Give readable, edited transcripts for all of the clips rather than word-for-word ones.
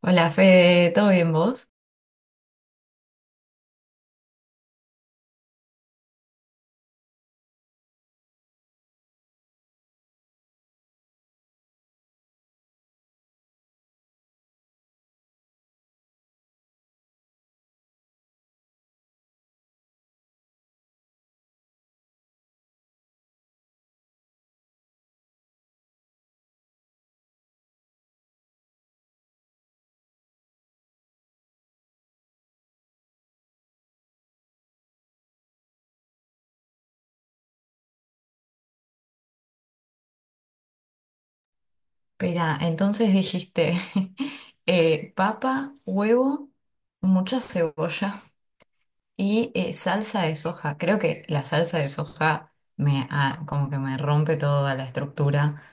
Hola Fede, ¿todo bien vos? Espera, entonces dijiste papa, huevo, mucha cebolla y salsa de soja. Creo que la salsa de soja me como que me rompe toda la estructura.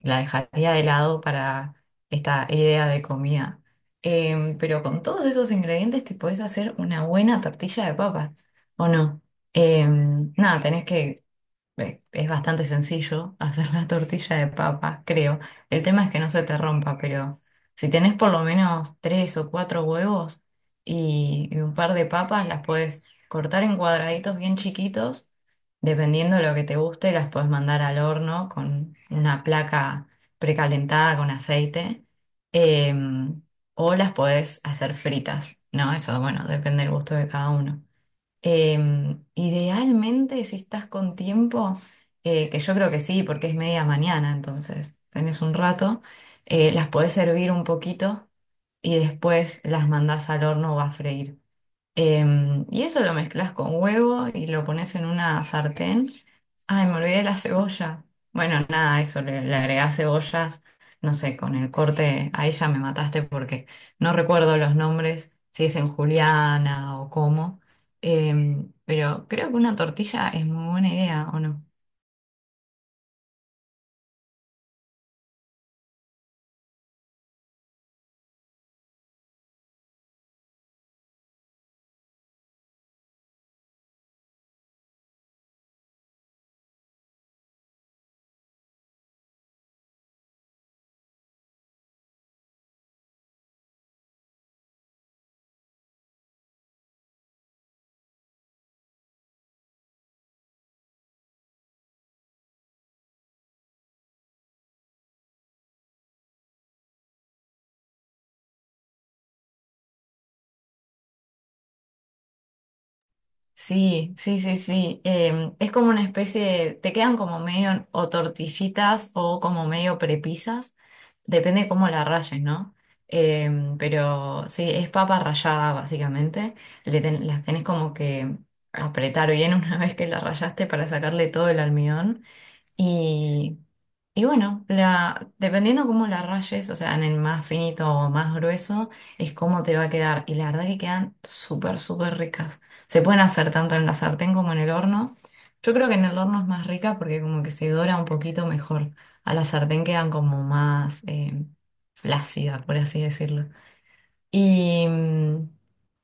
La dejaría de lado para esta idea de comida. Pero con todos esos ingredientes te podés hacer una buena tortilla de papas, ¿o no? Nada, tenés que Es bastante sencillo hacer la tortilla de papa, creo. El tema es que no se te rompa, pero si tenés por lo menos tres o cuatro huevos y un par de papas, las puedes cortar en cuadraditos bien chiquitos. Dependiendo de lo que te guste, las puedes mandar al horno con una placa precalentada con aceite. em, o las puedes hacer fritas, ¿no? Eso, bueno, depende del gusto de cada uno. Idealmente, si estás con tiempo, que yo creo que sí, porque es media mañana, entonces tenés un rato, las podés hervir un poquito y después las mandás al horno o a freír. Y eso lo mezclas con huevo y lo pones en una sartén. Ay, me olvidé de la cebolla. Bueno, nada, eso, le agregás cebollas, no sé, con el corte, ahí ya me mataste porque no recuerdo los nombres, si es en Juliana o cómo. Pero creo que una tortilla es muy buena idea, ¿o no? Sí, sí, sí, sí. Es como una especie de, te quedan como medio o tortillitas o como medio prepisas, depende de cómo la rayes, ¿no? Pero sí, es papa rallada básicamente. Las tenés como que apretar bien una vez que la rayaste para sacarle todo el almidón. Y, y bueno, dependiendo cómo la rayes, o sea, en el más finito o más grueso, es cómo te va a quedar. Y la verdad que quedan súper, súper ricas. Se pueden hacer tanto en la sartén como en el horno. Yo creo que en el horno es más rica porque como que se dora un poquito mejor. A la sartén quedan como más flácida, por así decirlo. Y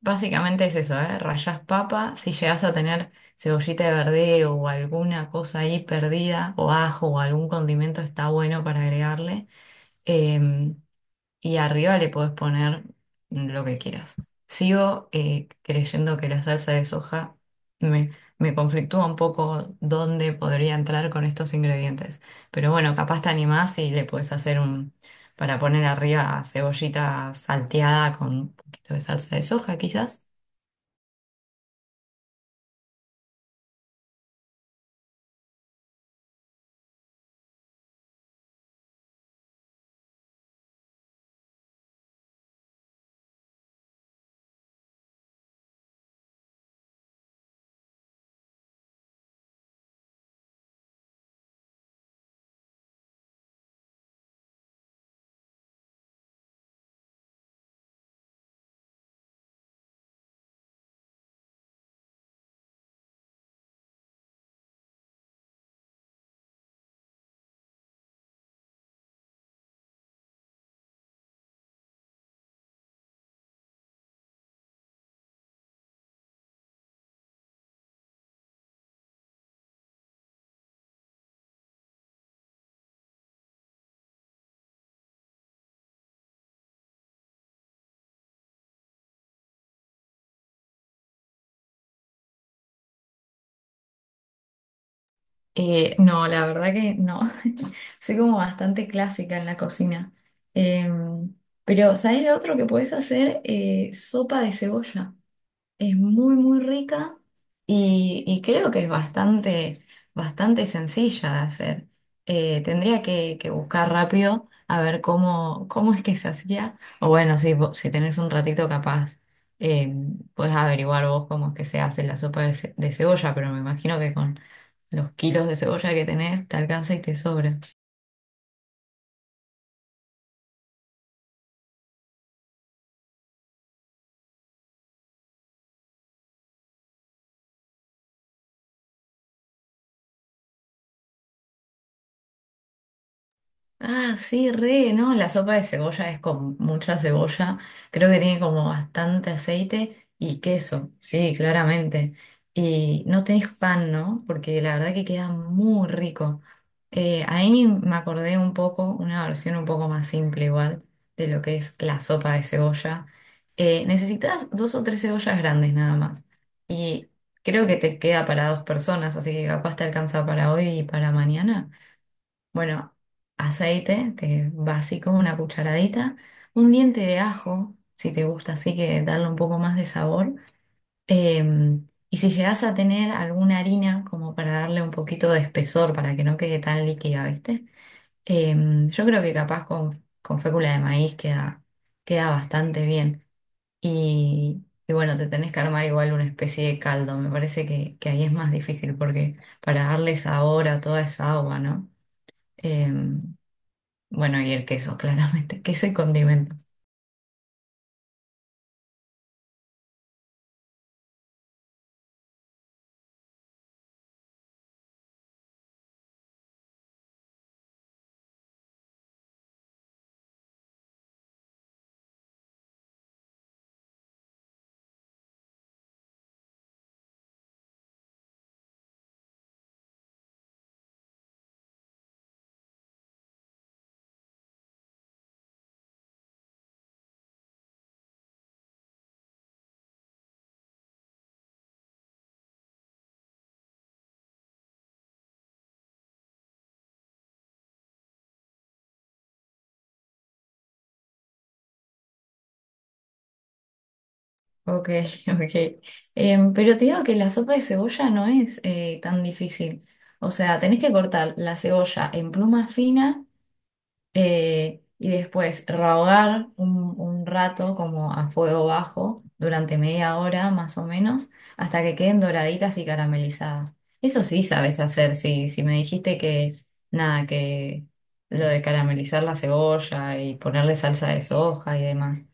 básicamente es eso, ¿eh? Rallás papa, si llegas a tener cebollita de verdeo o alguna cosa ahí perdida, o ajo o algún condimento, está bueno para agregarle. Em, y arriba le podés poner lo que quieras. Sigo creyendo que la salsa de soja me, me conflictúa un poco dónde podría entrar con estos ingredientes. Pero bueno, capaz te animás y le podés hacer para poner arriba cebollita salteada con un poquito de salsa de soja, quizás. No, la verdad que no. Soy como bastante clásica en la cocina. Em, pero, ¿sabés lo otro que podés hacer? Sopa de cebolla. Es muy, muy rica y creo que es bastante, bastante sencilla de hacer. Tendría que buscar rápido a ver cómo es que se hacía. O bueno, si tenés un ratito capaz, eh, podés averiguar vos cómo es que se hace la sopa de cebolla, pero me imagino que con los kilos de cebolla que tenés te alcanza y te sobra. Ah, sí, re, ¿no? La sopa de cebolla es con mucha cebolla. Creo que tiene como bastante aceite y queso, sí, claramente. Y no tenés pan, ¿no? Porque la verdad que queda muy rico. Ahí me acordé un poco, una versión un poco más simple igual, de lo que es la sopa de cebolla. Necesitas dos o tres cebollas grandes nada más. Y creo que te queda para dos personas, así que capaz te alcanza para hoy y para mañana. Bueno, aceite, que es básico, una cucharadita, un diente de ajo, si te gusta, así que darle un poco más de sabor. Eh, y si llegas a tener alguna harina, como para darle un poquito de espesor, para que no quede tan líquida, ¿viste? Eh, yo creo que capaz con fécula de maíz queda, queda bastante bien. Y bueno, te tenés que armar igual una especie de caldo. Me parece que ahí es más difícil porque para darle sabor a toda esa agua, ¿no? Eh, bueno, y el queso, claramente. Queso y condimentos. Ok, ok. Pero te digo que la sopa de cebolla no es tan difícil. O sea, tenés que cortar la cebolla en pluma fina y después rehogar un rato como a fuego bajo durante media hora más o menos hasta que queden doraditas y caramelizadas. Eso sí sabes hacer, sí. Si me dijiste nada, que lo de caramelizar la cebolla y ponerle salsa de soja y demás.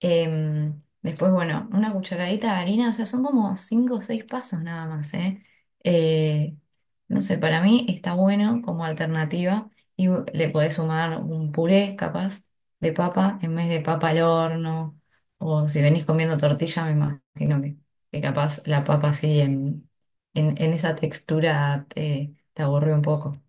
Después, bueno, una cucharadita de harina, o sea, son como cinco o seis pasos nada más, ¿eh? Eh, no sé, para mí está bueno como alternativa y le podés sumar un puré capaz de papa en vez de papa al horno, o si venís comiendo tortilla, me imagino que capaz la papa así en esa textura te aburre un poco.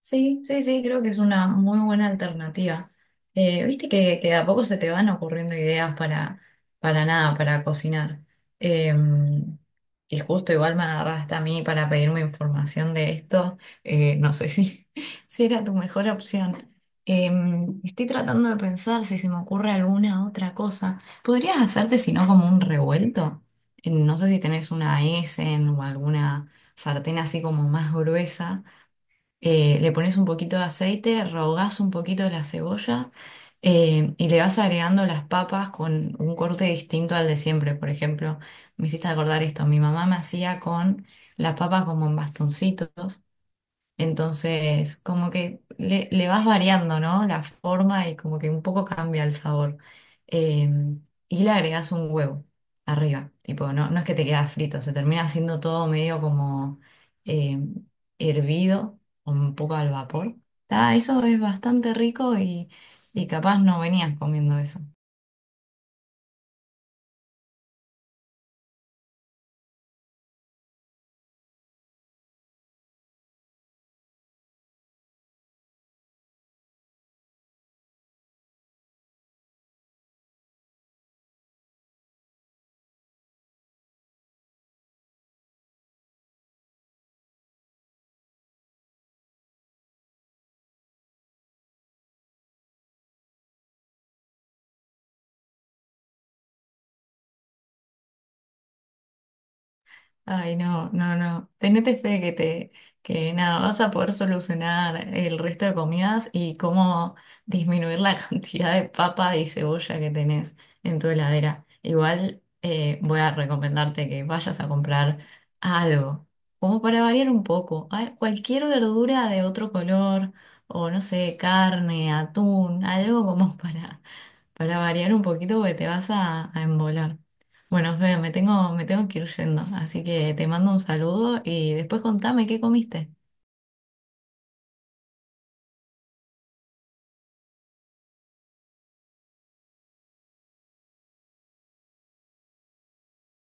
Sí, sí, sí, creo que es una muy buena alternativa. Viste que de a poco se te van ocurriendo ideas para nada, para cocinar. Eh, y justo igual me agarraste a mí para pedirme información de esto. No sé si, si era tu mejor opción. Eh, Estoy tratando de pensar si se me ocurre alguna otra cosa. ¿Podrías hacerte, si no, como un revuelto? No sé si tenés una Essen o alguna sartén así como más gruesa le pones un poquito de aceite, rehogás un poquito las cebollas y le vas agregando las papas con un corte distinto al de siempre. Por ejemplo, me hiciste acordar esto, mi mamá me hacía con las papas como en bastoncitos entonces, como que le vas variando, ¿no? La forma y como que un poco cambia el sabor. Eh, y le agregas un huevo arriba. Tipo, no, no es que te queda frito, se termina haciendo todo medio como eh, hervido, un poco al vapor. Ta, eso es bastante rico y capaz no venías comiendo eso. Ay, no, no, no. Tenete fe que nada, vas a poder solucionar el resto de comidas y cómo disminuir la cantidad de papa y cebolla que tenés en tu heladera. Igual voy a recomendarte que vayas a comprar algo, como para variar un poco. Ay, cualquier verdura de otro color, o no sé, carne, atún, algo como para variar un poquito porque te vas a embolar. Bueno, Fede, me tengo que ir yendo, así que te mando un saludo y después contame qué comiste.